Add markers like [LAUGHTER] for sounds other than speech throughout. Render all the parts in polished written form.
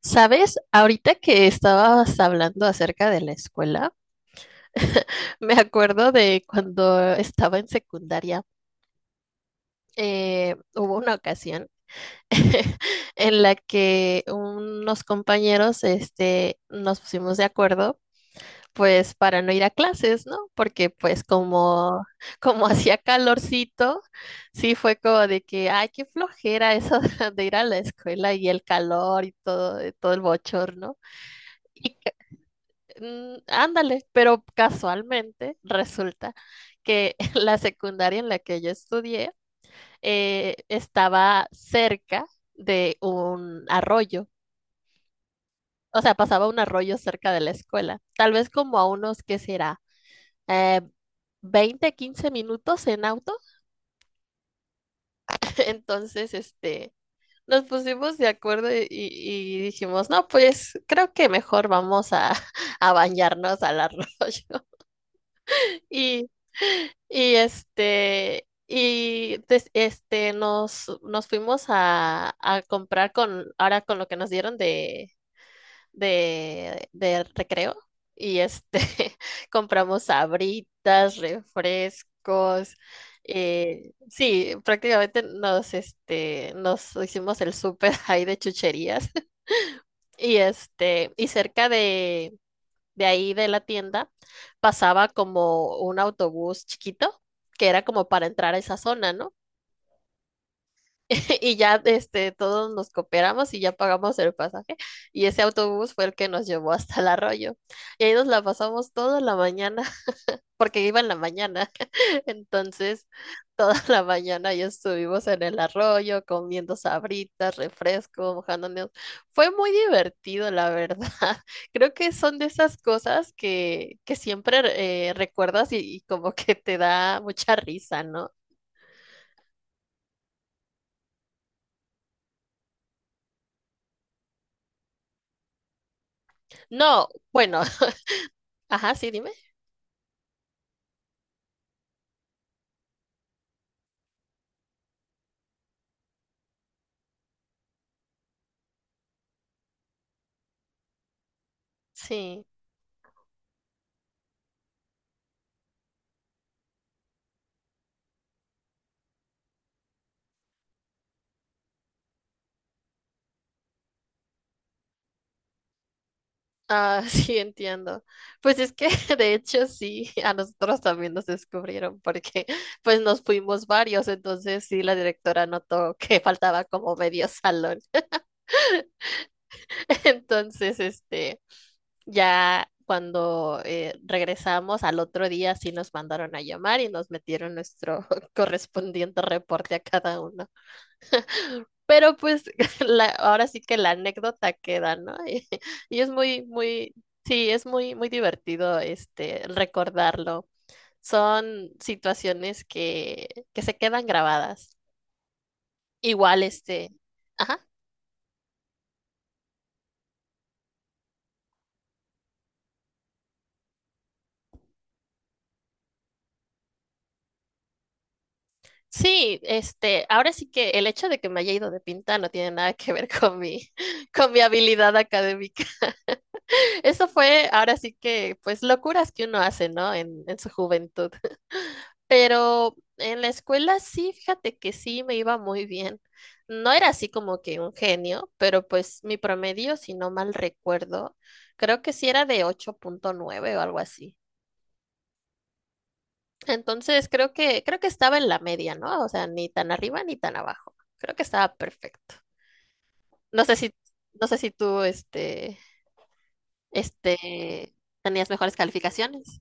¿Sabes? Ahorita que estabas hablando acerca de la escuela, [LAUGHS] me acuerdo de cuando estaba en secundaria, hubo una ocasión [LAUGHS] en la que unos compañeros, nos pusimos de acuerdo, pues, para no ir a clases, ¿no? Porque, pues, como [LAUGHS] hacía calorcito, sí fue como de que, ay, qué flojera eso [LAUGHS] de ir a la escuela y el calor y todo el bochorno. Y Ándale, pero casualmente resulta que [LAUGHS] la secundaria en la que yo estudié estaba cerca de un arroyo, o sea, pasaba un arroyo cerca de la escuela, tal vez como a unos, ¿qué será? Eh, 20, 15 minutos en auto. [LAUGHS] Entonces, nos pusimos de acuerdo y dijimos, no, pues creo que mejor [LAUGHS] a bañarnos al arroyo. Y, nos fuimos a comprar ahora con lo que nos dieron de recreo. Y este, [LAUGHS] compramos sabritas, refrescos. Sí, prácticamente nos hicimos el súper [LAUGHS] ahí de chucherías. [LAUGHS] Y cerca de ahí de la tienda pasaba como un autobús chiquito que era como para entrar a esa zona, ¿no? [LAUGHS] Todos nos cooperamos y ya pagamos el pasaje. Y ese autobús fue el que nos llevó hasta el arroyo. Y ahí nos la pasamos toda la mañana, [LAUGHS] porque iba en la mañana. Entonces, toda [LAUGHS] la mañana ya estuvimos en el arroyo comiendo sabritas, refresco, mojándonos. Fue muy divertido, la verdad. [LAUGHS] Creo que son de esas cosas que siempre recuerdas y como que te da mucha risa, ¿no? No, bueno, [LAUGHS] ajá, sí, dime. Sí. Ah, [LAUGHS] sí, entiendo. Pues es que [LAUGHS] de hecho sí, a nosotros también nos descubrieron porque pues nos fuimos varios, entonces sí, la directora notó que [LAUGHS] faltaba como medio salón. [LAUGHS] Entonces, ya cuando regresamos al otro día sí nos mandaron a llamar y nos metieron nuestro [LAUGHS] correspondiente reporte a cada uno. Pero pues [LAUGHS] ahora sí que la anécdota queda, ¿no? [LAUGHS] Es muy, muy, sí, es muy, muy divertido recordarlo. Son situaciones que se quedan grabadas. Igual, ajá. Sí, ahora sí que el hecho de que me haya ido de pinta no tiene nada que ver con [LAUGHS] con mi habilidad académica. [LAUGHS] Eso fue ahora sí que, pues, locuras que uno hace, ¿no? En su juventud. Pero en la escuela sí, fíjate que sí me iba muy bien. No era así como que un genio, pero pues mi promedio, si no mal recuerdo, creo que sí era de ocho punto nueve o algo así. Entonces creo que estaba en la media, ¿no? O sea, ni tan arriba ni tan abajo. Creo que estaba perfecto. No sé si, no sé si tú, este, tenías mejores calificaciones.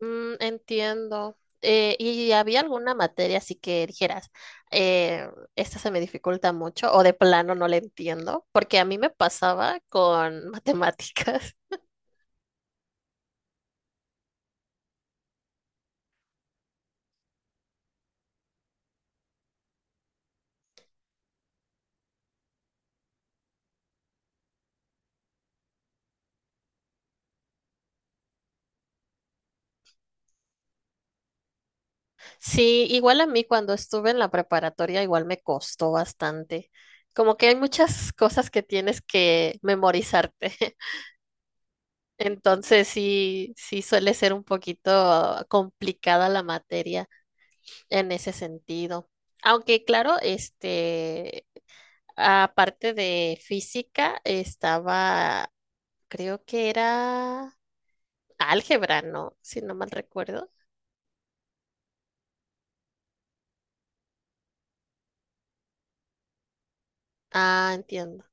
Mm, entiendo. ¿Y había alguna materia así que dijeras, eh, esta se me dificulta mucho o de plano no la entiendo? Porque a mí me pasaba con [LAUGHS] matemáticas. Sí, igual a mí cuando estuve en la preparatoria igual me costó bastante. Como que hay muchas cosas que tienes que memorizarte. [LAUGHS] Entonces sí suele ser un poquito complicada la materia en ese sentido. Aunque claro, aparte de física, creo que era álgebra, ¿no? Si no mal recuerdo. Ah, entiendo.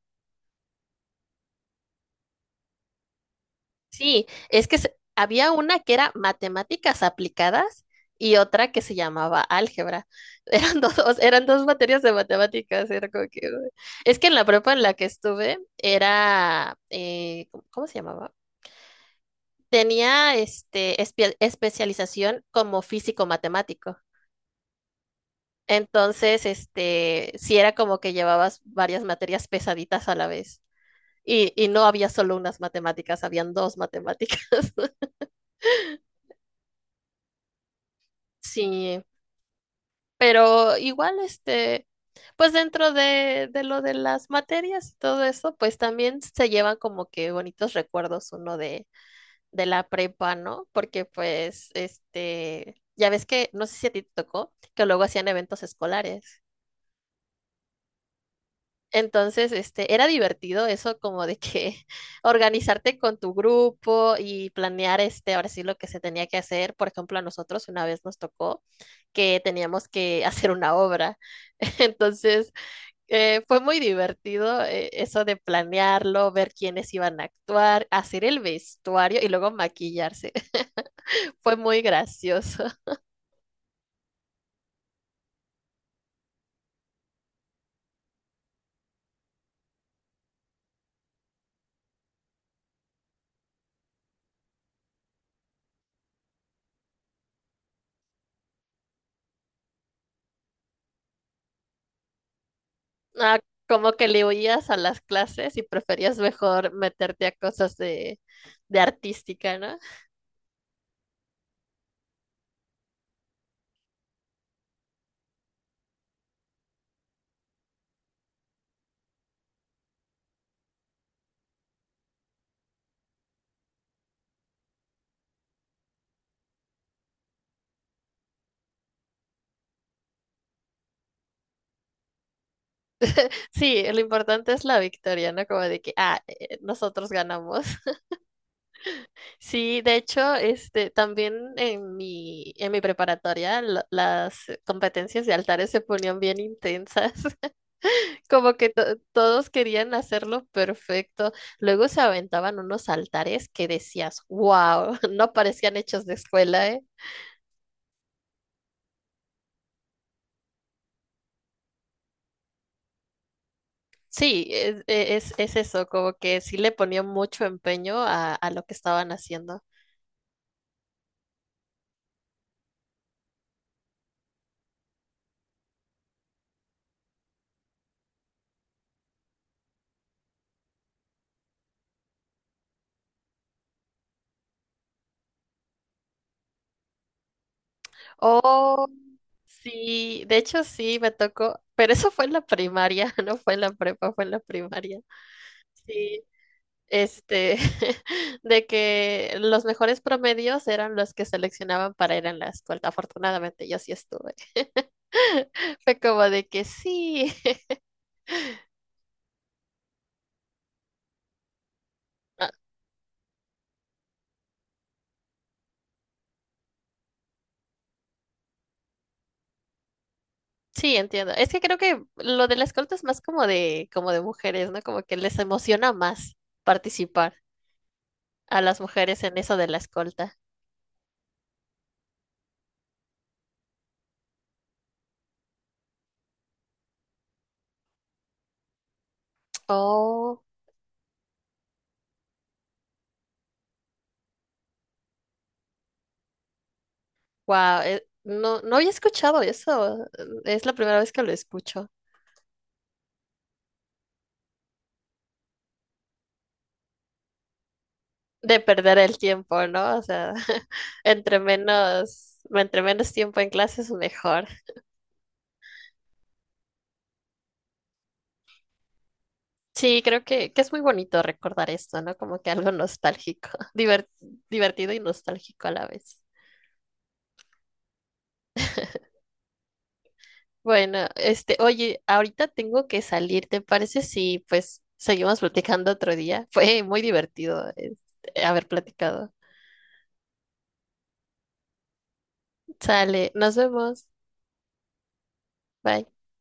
Sí, es que había una que era matemáticas aplicadas y otra que se llamaba álgebra. [LAUGHS] Eran dos materias de matemáticas, era como que... uy. Es que en la prepa en la que estuve era, cómo se llamaba? Tenía especialización como físico matemático. Entonces, sí era como que llevabas varias materias pesaditas a la vez. Y no había solo unas matemáticas, habían dos matemáticas. [LAUGHS] Sí, pero igual, pues dentro de lo de las materias y todo eso, pues también se llevan como que bonitos recuerdos uno de la prepa, ¿no? Porque pues, ya ves que, no sé si a ti te tocó, que luego hacían eventos escolares. Entonces, era divertido eso como de que [LAUGHS] organizarte con tu grupo y planear, ahora sí lo que se tenía que hacer. Por ejemplo, a nosotros una vez nos tocó que teníamos que [LAUGHS] hacer una obra. [LAUGHS] Entonces, fue muy divertido eso de planearlo, ver quiénes iban a actuar, hacer el vestuario y luego maquillarse. [LAUGHS] Fue muy gracioso. [LAUGHS] Ah, como que le huías a las clases y preferías mejor meterte a cosas de artística, ¿no? Sí, lo importante es la victoria, ¿no? Como de que, ah, nosotros ganamos. [LAUGHS] Sí, de hecho, también en en mi preparatoria las competencias de altares se ponían bien intensas, [LAUGHS] como que todos querían hacerlo perfecto. Luego se aventaban unos altares que decías, wow, [LAUGHS] no parecían hechos de escuela, ¿eh? Sí, es eso, como que sí le ponían mucho empeño a lo que estaban haciendo. Oh, sí, de hecho sí, me tocó, pero eso fue en la primaria, [LAUGHS] no fue en la prepa, fue en la primaria. Sí, este, [LAUGHS] de que los mejores promedios eran los que seleccionaban para ir en la escuela. Afortunadamente yo sí estuve. [LAUGHS] Fue como de que sí. [LAUGHS] Ah, sí, entiendo. Es que creo que lo de la escolta es más como de mujeres, ¿no? Como que les emociona más participar a las mujeres en eso de la escolta. Oh. Wow, no había escuchado eso. Es la primera vez que lo escucho. De perder el tiempo, ¿no? O sea, [LAUGHS] entre menos tiempo en clases, mejor. Sí, que es muy bonito recordar esto, ¿no? Como que algo nostálgico, [LAUGHS] diver- divertido y nostálgico a la vez. Bueno, oye, ahorita tengo que salir, ¿te parece si pues seguimos platicando otro día? [LAUGHS] Fue muy divertido, haber platicado. Sale, nos vemos. Bye.